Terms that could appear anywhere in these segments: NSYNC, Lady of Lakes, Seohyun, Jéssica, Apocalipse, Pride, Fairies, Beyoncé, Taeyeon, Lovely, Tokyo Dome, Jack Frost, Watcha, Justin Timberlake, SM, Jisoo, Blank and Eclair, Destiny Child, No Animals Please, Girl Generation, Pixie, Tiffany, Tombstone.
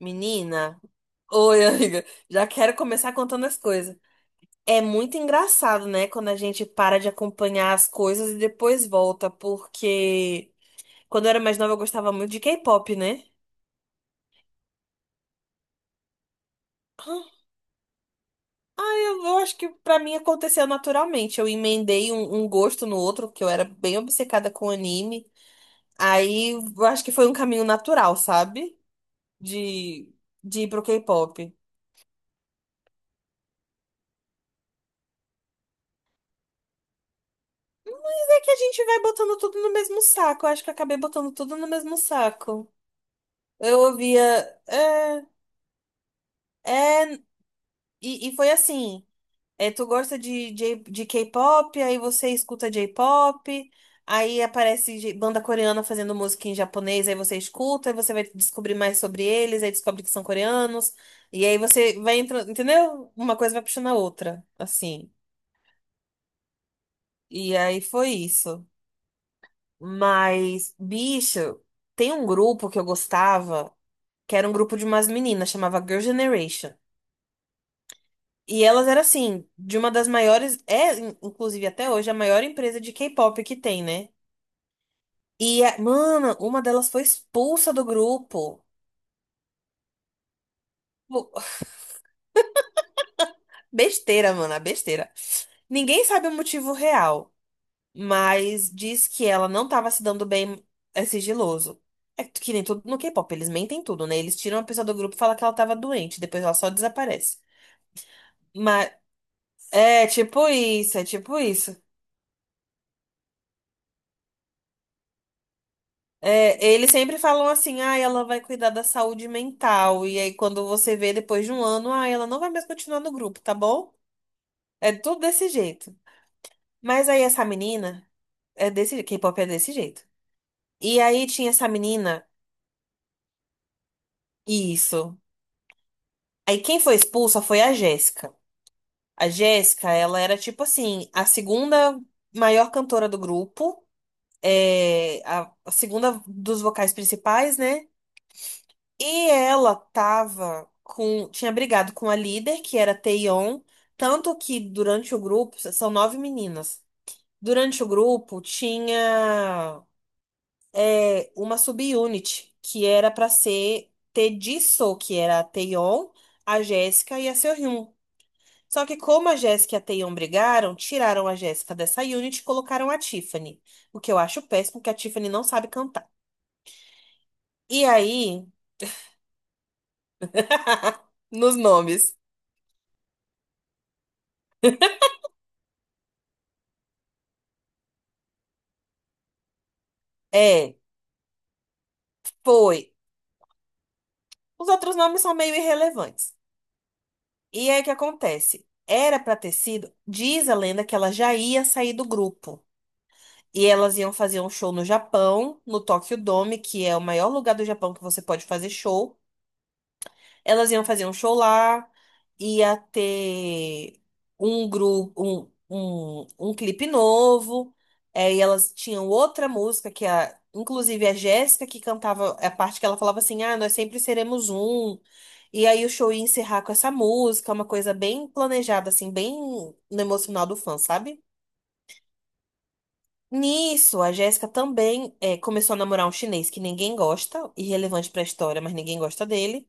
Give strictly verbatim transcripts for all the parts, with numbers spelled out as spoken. Menina, oi, amiga. Já quero começar contando as coisas. É muito engraçado, né, quando a gente para de acompanhar as coisas e depois volta, porque quando eu era mais nova eu gostava muito de K-pop, né? Eu, eu acho que pra mim aconteceu naturalmente. Eu emendei um, um gosto no outro, porque eu era bem obcecada com anime. Aí eu acho que foi um caminho natural, sabe? De, de ir pro K-pop. É que a gente vai botando tudo no mesmo saco. Eu acho que eu acabei botando tudo no mesmo saco. Eu ouvia. É, é, e, e foi assim. É, tu gosta de, de, de K-pop, aí você escuta J-pop, aí aparece J- banda coreana fazendo música em japonês, aí você escuta, aí você vai descobrir mais sobre eles, aí descobre que são coreanos, e aí você vai entrando, entendeu? Uma coisa vai puxando a outra, assim. E aí foi isso. Mas, bicho, tem um grupo que eu gostava, que era um grupo de umas meninas, chamava Girl Generation. E elas eram assim, de uma das maiores, é in- inclusive até hoje a maior empresa de K-pop que tem, né? E, a- mano, uma delas foi expulsa do grupo. Pô, besteira, mano, a besteira. Ninguém sabe o motivo real, mas diz que ela não tava se dando bem, é sigiloso. É que nem tudo no K-pop, eles mentem tudo, né? Eles tiram a pessoa do grupo e falam que ela tava doente, depois ela só desaparece. Mas é tipo isso, é tipo isso. É, eles sempre falam assim, ah, ela vai cuidar da saúde mental. E aí, quando você vê depois de um ano, ah, ela não vai mais continuar no grupo, tá bom? É tudo desse jeito. Mas aí essa menina é desse, K-pop é desse jeito. E aí tinha essa menina, isso. Aí quem foi expulsa foi a Jéssica. A Jéssica, ela era tipo assim, a segunda maior cantora do grupo, é, a a segunda dos vocais principais, né? E ela tava com. Tinha brigado com a líder, que era a Taeyeon. Tanto que durante o grupo, são nove meninas. Durante o grupo tinha é, uma subunit, que era pra ser ter Jisoo, que era a Taeyeon, a Jéssica e a Seohyun. Só que como a Jéssica e a Taeyeon brigaram, tiraram a Jéssica dessa unit e colocaram a Tiffany. O que eu acho péssimo, porque a Tiffany não sabe cantar. E aí, nos nomes, é, foi. Os outros nomes são meio irrelevantes. E aí o que acontece? Era pra ter sido, diz a lenda que ela já ia sair do grupo. E elas iam fazer um show no Japão, no Tokyo Dome, que é o maior lugar do Japão que você pode fazer show. Elas iam fazer um show lá, ia ter um grupo, um, um, um clipe novo, é, e elas tinham outra música que a, inclusive a Jéssica que cantava a parte que ela falava assim, ah, nós sempre seremos um. E aí o show ia encerrar com essa música, uma coisa bem planejada, assim, bem no emocional do fã, sabe? Nisso, a Jéssica também é, começou a namorar um chinês que ninguém gosta, irrelevante pra história, mas ninguém gosta dele,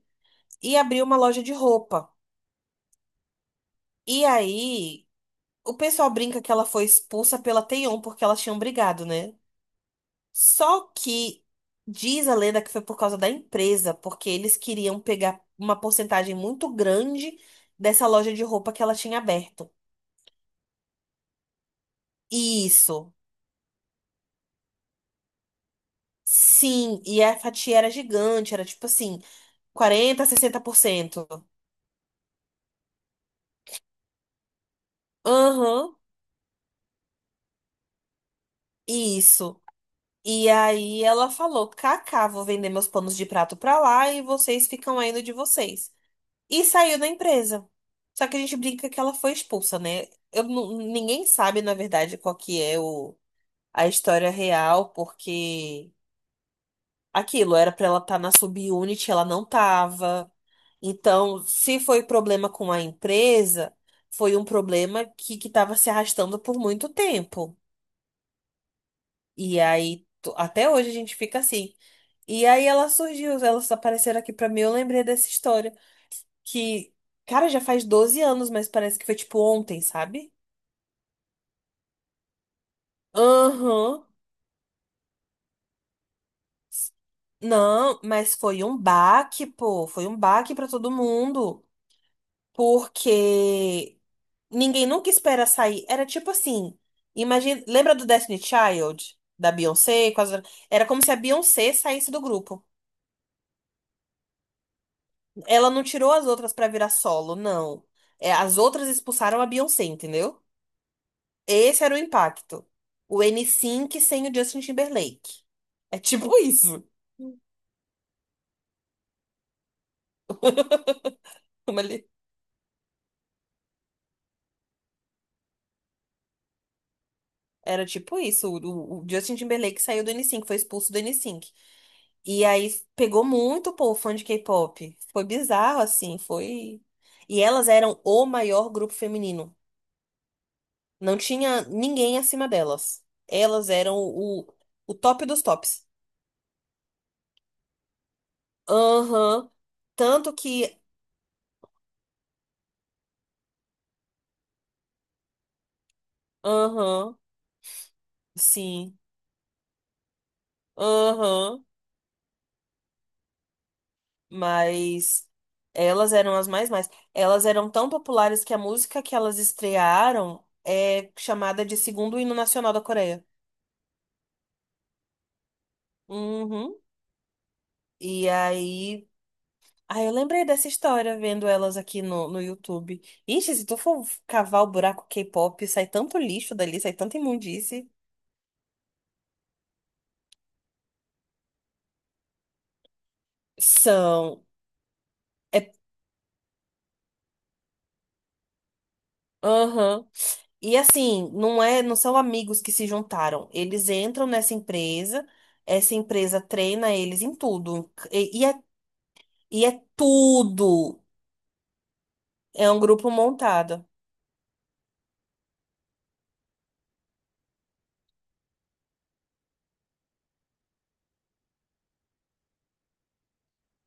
e abriu uma loja de roupa. E aí, o pessoal brinca que ela foi expulsa pela Taeyeon porque elas tinham brigado, né? Só que diz a lenda que foi por causa da empresa, porque eles queriam pegar uma porcentagem muito grande dessa loja de roupa que ela tinha aberto. Isso. Sim, e a fatia era gigante, era tipo assim, quarenta, sessenta por cento. Aham, isso. E aí ela falou: Kaká, vou vender meus panos de prato pra lá e vocês ficam aí no de vocês. E saiu da empresa. Só que a gente brinca que ela foi expulsa, né? Eu, nu- ninguém sabe, na verdade, qual que é o, a história real, porque aquilo era pra ela estar na subunit, ela não tava. Então, se foi problema com a empresa, foi um problema que que estava se arrastando por muito tempo. E aí, to- até hoje a gente fica assim. E aí ela surgiu, elas apareceram aqui pra mim, eu lembrei dessa história. Que, cara, já faz doze anos, mas parece que foi tipo ontem, sabe? Aham. Não, mas foi um baque, pô. Foi um baque pra todo mundo. Porque ninguém nunca espera sair. Era tipo assim. Imagina, lembra do Destiny Child? Da Beyoncé? com as- Era como se a Beyoncé saísse do grupo. Ela não tirou as outras pra virar solo, não. É, as outras expulsaram a Beyoncé, entendeu? Esse era o impacto. O n NSYNC sem o Justin Timberlake. É tipo isso. Como ele- Era tipo isso. O, o- o Justin Timberlake saiu do n NSYNC, foi expulso do n NSYNC. E aí pegou muito, pô, fã de K-pop. Foi bizarro, assim, foi. E elas eram o maior grupo feminino. Não tinha ninguém acima delas. Elas eram o, o top dos tops. Aham. Tanto que. Aham. Sim. Aham. Mas elas eram as mais mais. Elas eram tão populares que a música que elas estrearam é chamada de segundo hino nacional da Coreia. Uhum. E aí. Ah, eu lembrei dessa história vendo elas aqui no, no YouTube. Ixi, se tu for cavar o buraco K-pop, sai tanto lixo dali, sai tanta imundice. São. É. Aham. E assim, não é, não são amigos que se juntaram. Eles entram nessa empresa, essa empresa treina eles em tudo. E, e é, e é tudo. É um grupo montado.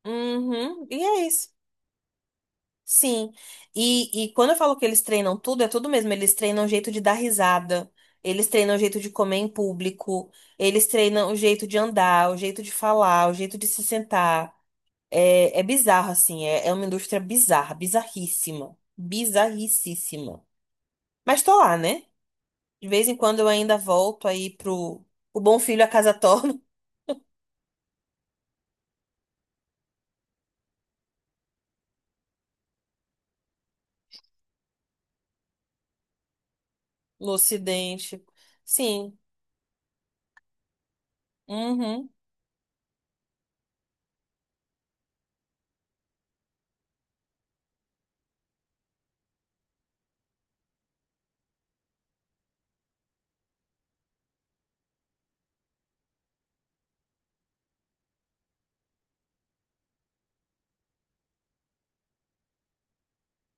Uhum, e é isso. Sim. E, e quando eu falo que eles treinam tudo, é tudo mesmo. Eles treinam o jeito de dar risada. Eles treinam o jeito de comer em público. Eles treinam o jeito de andar, o jeito de falar, o jeito de se sentar. É, é bizarro, assim. É, é uma indústria bizarra, bizarríssima. Bizarricíssima. Mas tô lá, né? De vez em quando eu ainda volto aí pro o Bom Filho a casa torna. No Ocidente. Sim. Uhum.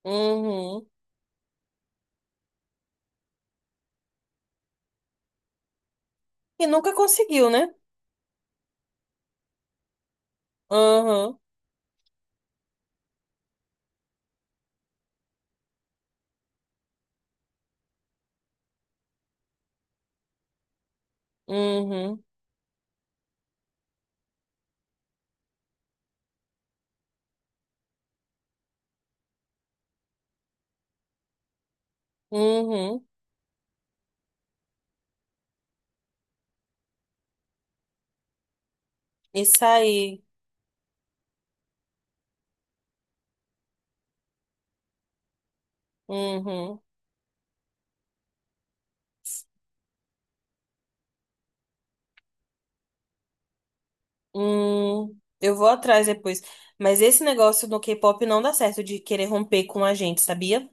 Uhum. E nunca conseguiu, né? Uhum. Uhum. Uhum. Isso aí. Uhum. Uhum. Eu vou atrás depois. Mas esse negócio do K-pop não dá certo de querer romper com a gente, sabia?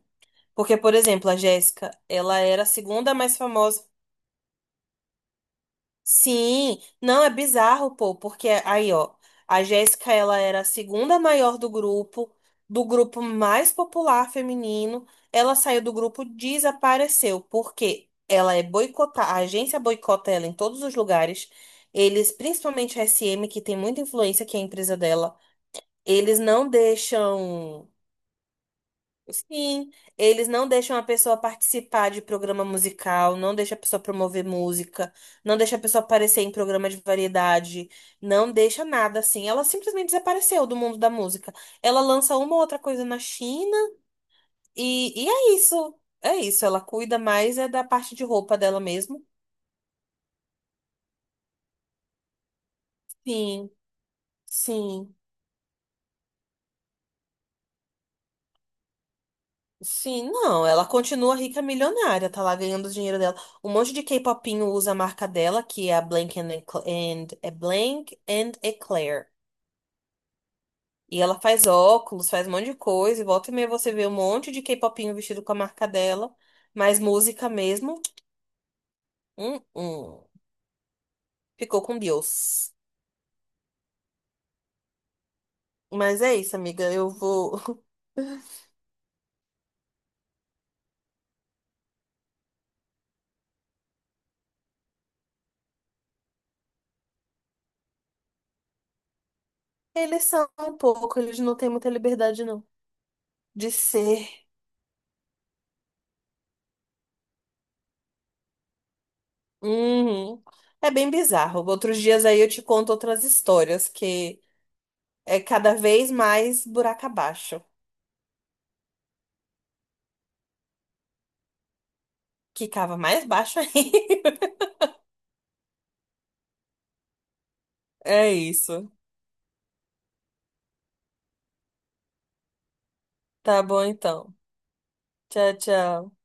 Porque, por exemplo, a Jéssica, ela era a segunda mais famosa. Sim, não é bizarro, pô, porque aí, ó, a Jéssica, ela era a segunda maior do grupo, do grupo mais popular feminino. Ela saiu do grupo, desapareceu, porque ela é boicotada, a agência boicota ela em todos os lugares. Eles, principalmente a S M, que tem muita influência, que é a empresa dela, eles não deixam. Sim, eles não deixam a pessoa participar de programa musical, não deixa a pessoa promover música, não deixa a pessoa aparecer em programa de variedade, não deixa nada assim. Ela simplesmente desapareceu do mundo da música. Ela lança uma ou outra coisa na China e, e é isso. É isso, ela cuida mais é da parte de roupa dela mesmo. Sim, sim. Sim, não, ela continua rica milionária, tá lá ganhando o dinheiro dela. Um monte de K-popinho usa a marca dela, que é a Blank and, Ecl- and- é Blank and Eclair. E ela faz óculos, faz um monte de coisa, e volta e meia você vê um monte de K-popinho vestido com a marca dela, mas música mesmo, hum, hum, ficou com Deus. Mas é isso, amiga, eu vou. Eles são um pouco, eles não têm muita liberdade, não, de ser uhum. É bem bizarro. Outros dias aí eu te conto outras histórias, que é cada vez mais buraco abaixo. Que cava mais baixo aí. É isso. Tá bom então. Tchau, tchau.